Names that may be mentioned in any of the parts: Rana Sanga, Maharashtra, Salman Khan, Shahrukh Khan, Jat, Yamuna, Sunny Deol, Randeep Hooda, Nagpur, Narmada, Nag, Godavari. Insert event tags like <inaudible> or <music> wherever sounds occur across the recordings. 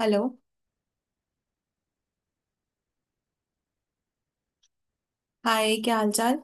Hello. Hi, क्या हालचाल।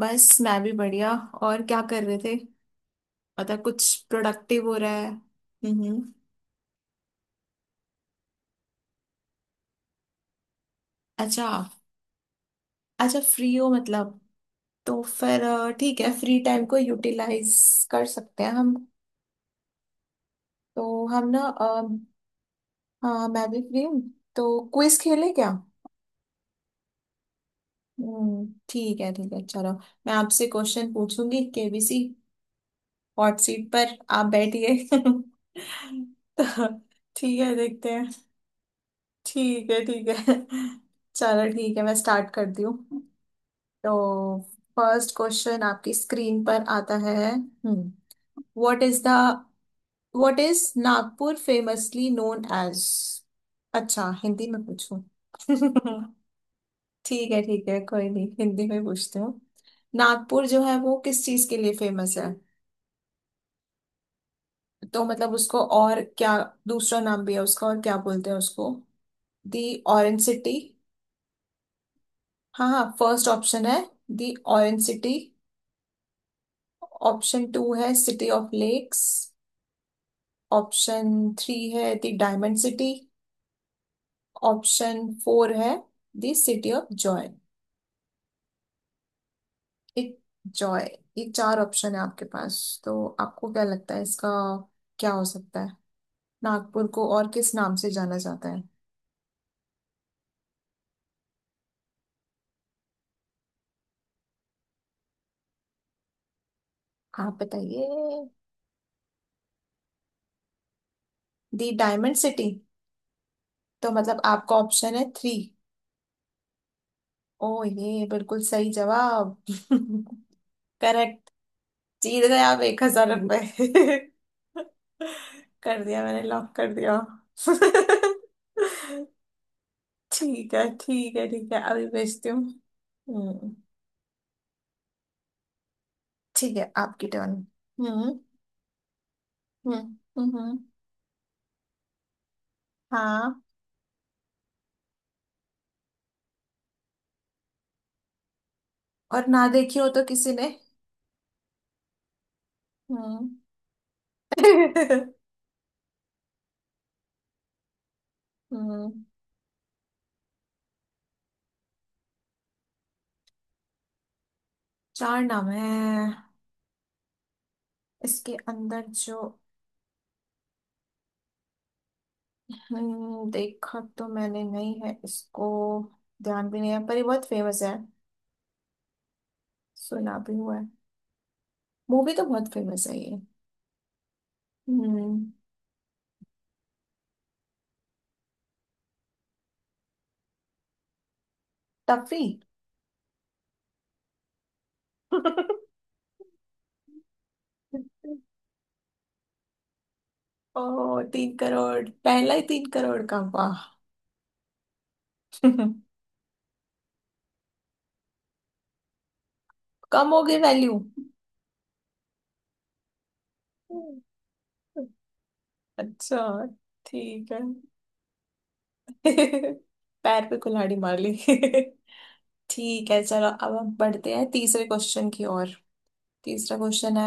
बस मैं भी बढ़िया। और क्या कर रहे थे? मतलब कुछ प्रोडक्टिव हो रहा है? हम्म। अच्छा। अच्छा, फ्री हो मतलब। तो फिर ठीक है, फ्री टाइम को यूटिलाइज कर सकते हैं हम। तो हम ना हाँ, मैं भी फ्री हूँ। तो क्विज खेलें क्या? हम्म, ठीक है चलो। मैं आपसे क्वेश्चन पूछूंगी, केबीसी हॉट सीट पर आप बैठिए <laughs> तो ठीक है, देखते हैं। ठीक है ठीक है। चलो ठीक है, मैं स्टार्ट करती हूँ। तो फर्स्ट क्वेश्चन आपकी स्क्रीन पर आता है। हम्म। What is the what is Nagpur famously known as. अच्छा, हिंदी में पूछूं? <laughs> ठीक है ठीक है, कोई नहीं, हिंदी में पूछती हूँ। नागपुर जो है वो किस चीज के लिए फेमस है? तो मतलब उसको और क्या, दूसरा नाम भी है उसका, और क्या बोलते हैं उसको? The orange city. हाँ हाँ, फर्स्ट ऑप्शन है the orange city. Option two है city of lakes. Option three है the diamond city. Option four है दी सिटी ऑफ जॉय। एक जॉय। ये चार ऑप्शन है आपके पास। तो आपको क्या लगता है इसका क्या हो सकता है? नागपुर को और किस नाम से जाना जाता है? आप बताइए। The diamond city? तो मतलब आपका ऑप्शन है थ्री। ओ, ये बिल्कुल सही जवाब <laughs> करेक्ट। जीत गए आप 1,000 रुपए। <laughs> कर दिया, मैंने लॉक कर दिया। <laughs> ठीक है ठीक है ठीक है, अभी भेजती हूँ। हम्म। ठीक है, आपकी टर्न। हम्म हम्म हम्म हम्म। हाँ। और ना देखी हो तो किसी ने। हम्म। <laughs> हम्म। चार नाम है इसके अंदर जो। हम्म, देखा तो मैंने नहीं है इसको। ध्यान भी नहीं है, पर ये बहुत फेमस है। सुना भी हुआ है। मूवी तो बहुत फेमस है ये। हम्म। टफी। <laughs> ओ, 3 करोड़, पहला ही 3 करोड़ का, वाह। <laughs> कम हो गई वैल्यू। अच्छा ठीक है। <laughs> पैर पे कुल्हाड़ी मार ली। <laughs> ठीक है चलो, अब हम बढ़ते हैं तीसरे क्वेश्चन की ओर। तीसरा क्वेश्चन है,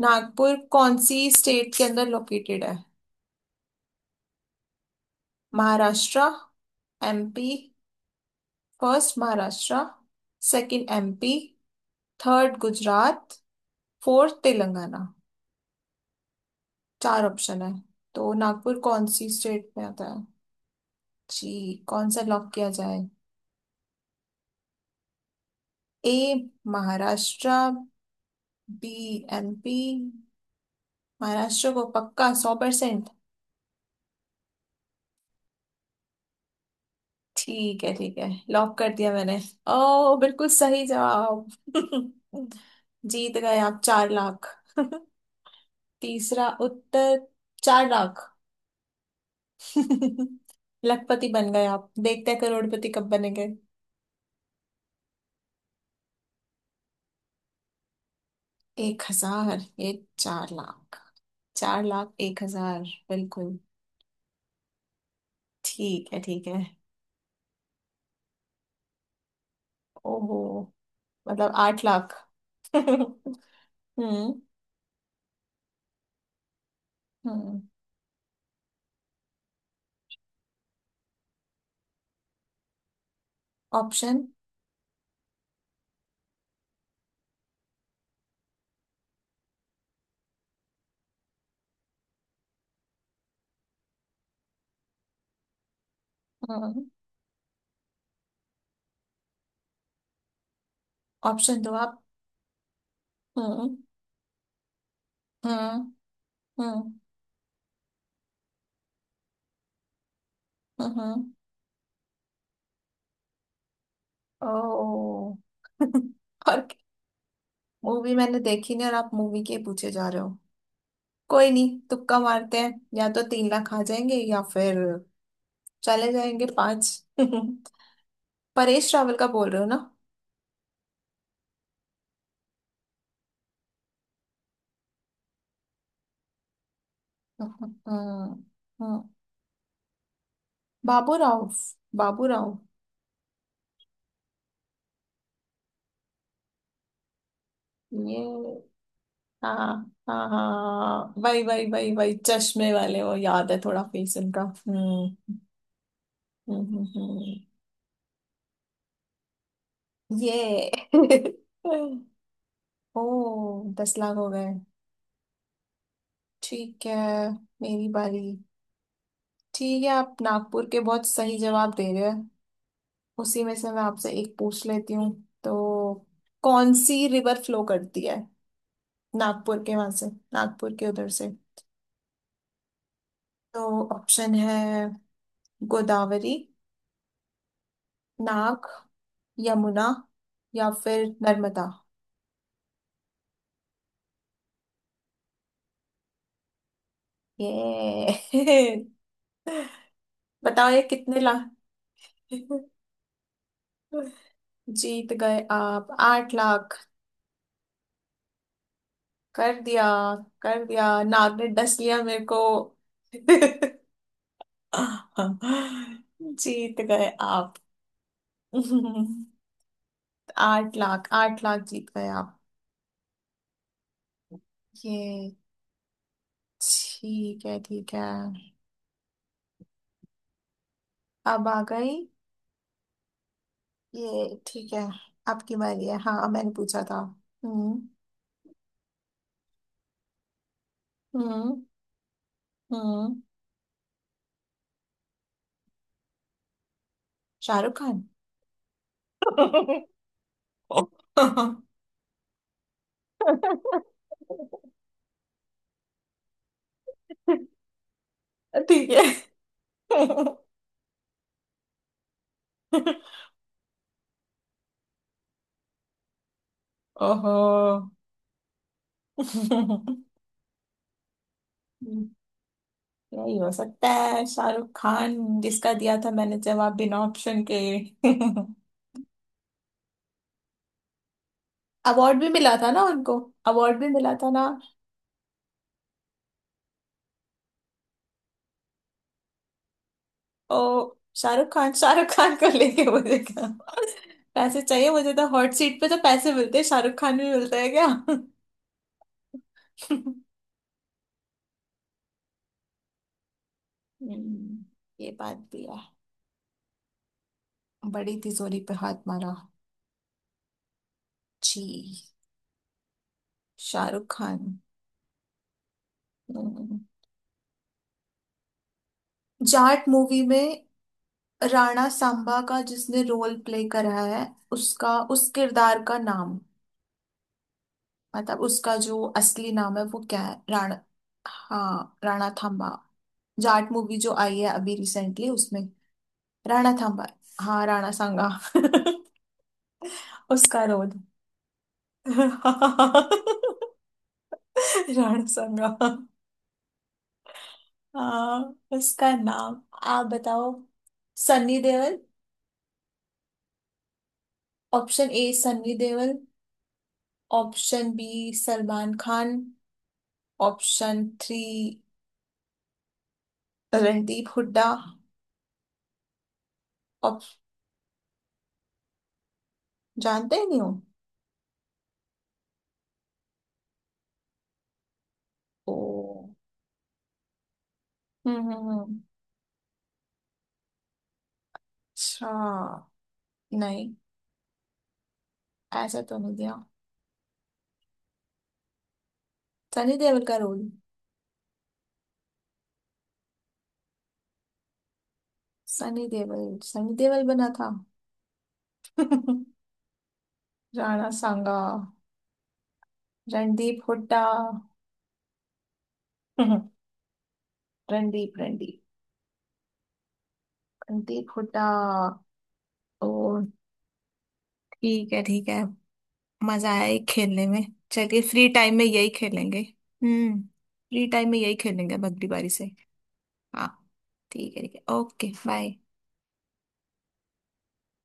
नागपुर कौन सी स्टेट के अंदर लोकेटेड है? Maharashtra, MP. First Maharashtra, second MP, third Gujarat, fourth Telangana. चार ऑप्शन है। तो नागपुर कौन सी स्टेट में आता है? जी, कौन सा लॉक किया जाए? A Maharashtra, B MP. Maharashtra को पक्का 100%। ठीक है ठीक है, लॉक कर दिया मैंने। ओ, बिल्कुल सही जवाब <laughs> जीत गए आप 4 लाख। <laughs> तीसरा उत्तर, 4 लाख। <laughs> लखपति बन गए आप, देखते हैं करोड़पति कब बनेंगे। एक हजार ये, 4 लाख। चार लाख 1,000, बिल्कुल। ठीक है ठीक है। ओहो, मतलब 8 लाख। <laughs> हम्म हम्म। ऑप्शन। हम्म। ऑप्शन दो आप। हम्म हम्म हम्म हम्म। ओ <laughs> और मूवी मैंने देखी नहीं, और आप मूवी के पूछे जा रहे हो। कोई नहीं, तुक्का मारते हैं। या तो 3 लाख आ जाएंगे, या फिर चले जाएंगे पांच। <laughs> परेश रावल का बोल रहे हो ना? हाँ हाँ, बाबूराव, बाबूराव ये। हाँ हाँ हाँ, वही वही वही वही, चश्मे वाले, वो याद है, थोड़ा फेस उनका। हम्म हम्म हम्म। ये <laughs> ओ, 10 लाख हो गए। ठीक है, मेरी बारी। ठीक है, आप नागपुर के बहुत सही जवाब दे रहे हैं, उसी में से मैं आपसे एक पूछ लेती हूँ। तो कौन सी रिवर फ्लो करती है नागपुर के वहां से, नागपुर के उधर से? तो ऑप्शन है गोदावरी, नाग, यमुना, या फिर नर्मदा। ये <laughs> बताओ ये कितने लाख। <laughs> जीत गए आप 8 लाख। कर दिया, कर दिया, नाग ने डस लिया मेरे को। <laughs> जीत गए आप। <laughs> 8 लाख, 8 लाख जीत गए आप। ये ठीक है ठीक है। अब आ गई ये, ठीक है। आपकी बारी है, हाँ मैंने पूछा था। हम्म हम्म हम्म। शाहरुख खान। <laughs> ठीक है। ओहो <laughs> यही हो सकता है, शाहरुख खान, जिसका दिया था मैंने जवाब बिना ऑप्शन के। <laughs> अवार्ड भी मिला था ना उनको, अवार्ड भी मिला था ना। ओ, शाहरुख खान, शाहरुख खान को लेके मुझे क्या, पैसे चाहिए मुझे, तो हॉट सीट पे तो पैसे मिलते हैं, शाहरुख खान भी मिलता है क्या? हम्म, ये बात भी है, बड़ी तिजोरी पे हाथ मारा। जी, शाहरुख खान। हम्म, जाट मूवी में राणा सांबा का जिसने रोल प्ले करा है, उसका उस किरदार का नाम, मतलब उसका जो असली नाम है, वो क्या है? राणा, हाँ, राणा थांबा, जाट मूवी जो आई है अभी रिसेंटली, उसमें। राणा थांबा, हा राणा सांगा। <laughs> उसका रोल। <laughs> राणा सांगा, हाँ। उसका नाम आप बताओ। Sunny Deol. Option A Sunny Deol, option B Salman Khan, option three Randeep Hooda. ऑप जानते ही नहीं हो? ओ। हम्म। अच्छा, नहीं, ऐसा तो नहीं दिया। सनी देओल का रोल, सनी देओल, सनी देओल बना था। <laughs> राणा सांगा, रणदीप हुड्डा। <laughs> रणदीप, रणदीप, रणदीप हुड्डा। ओ ठीक है ठीक है। मजा आया ये खेलने में। चलिए फ्री टाइम में यही खेलेंगे, हम्म, फ्री टाइम में यही खेलेंगे भगली बारी से। हाँ, ठीक है ठीक है, ओके बाय।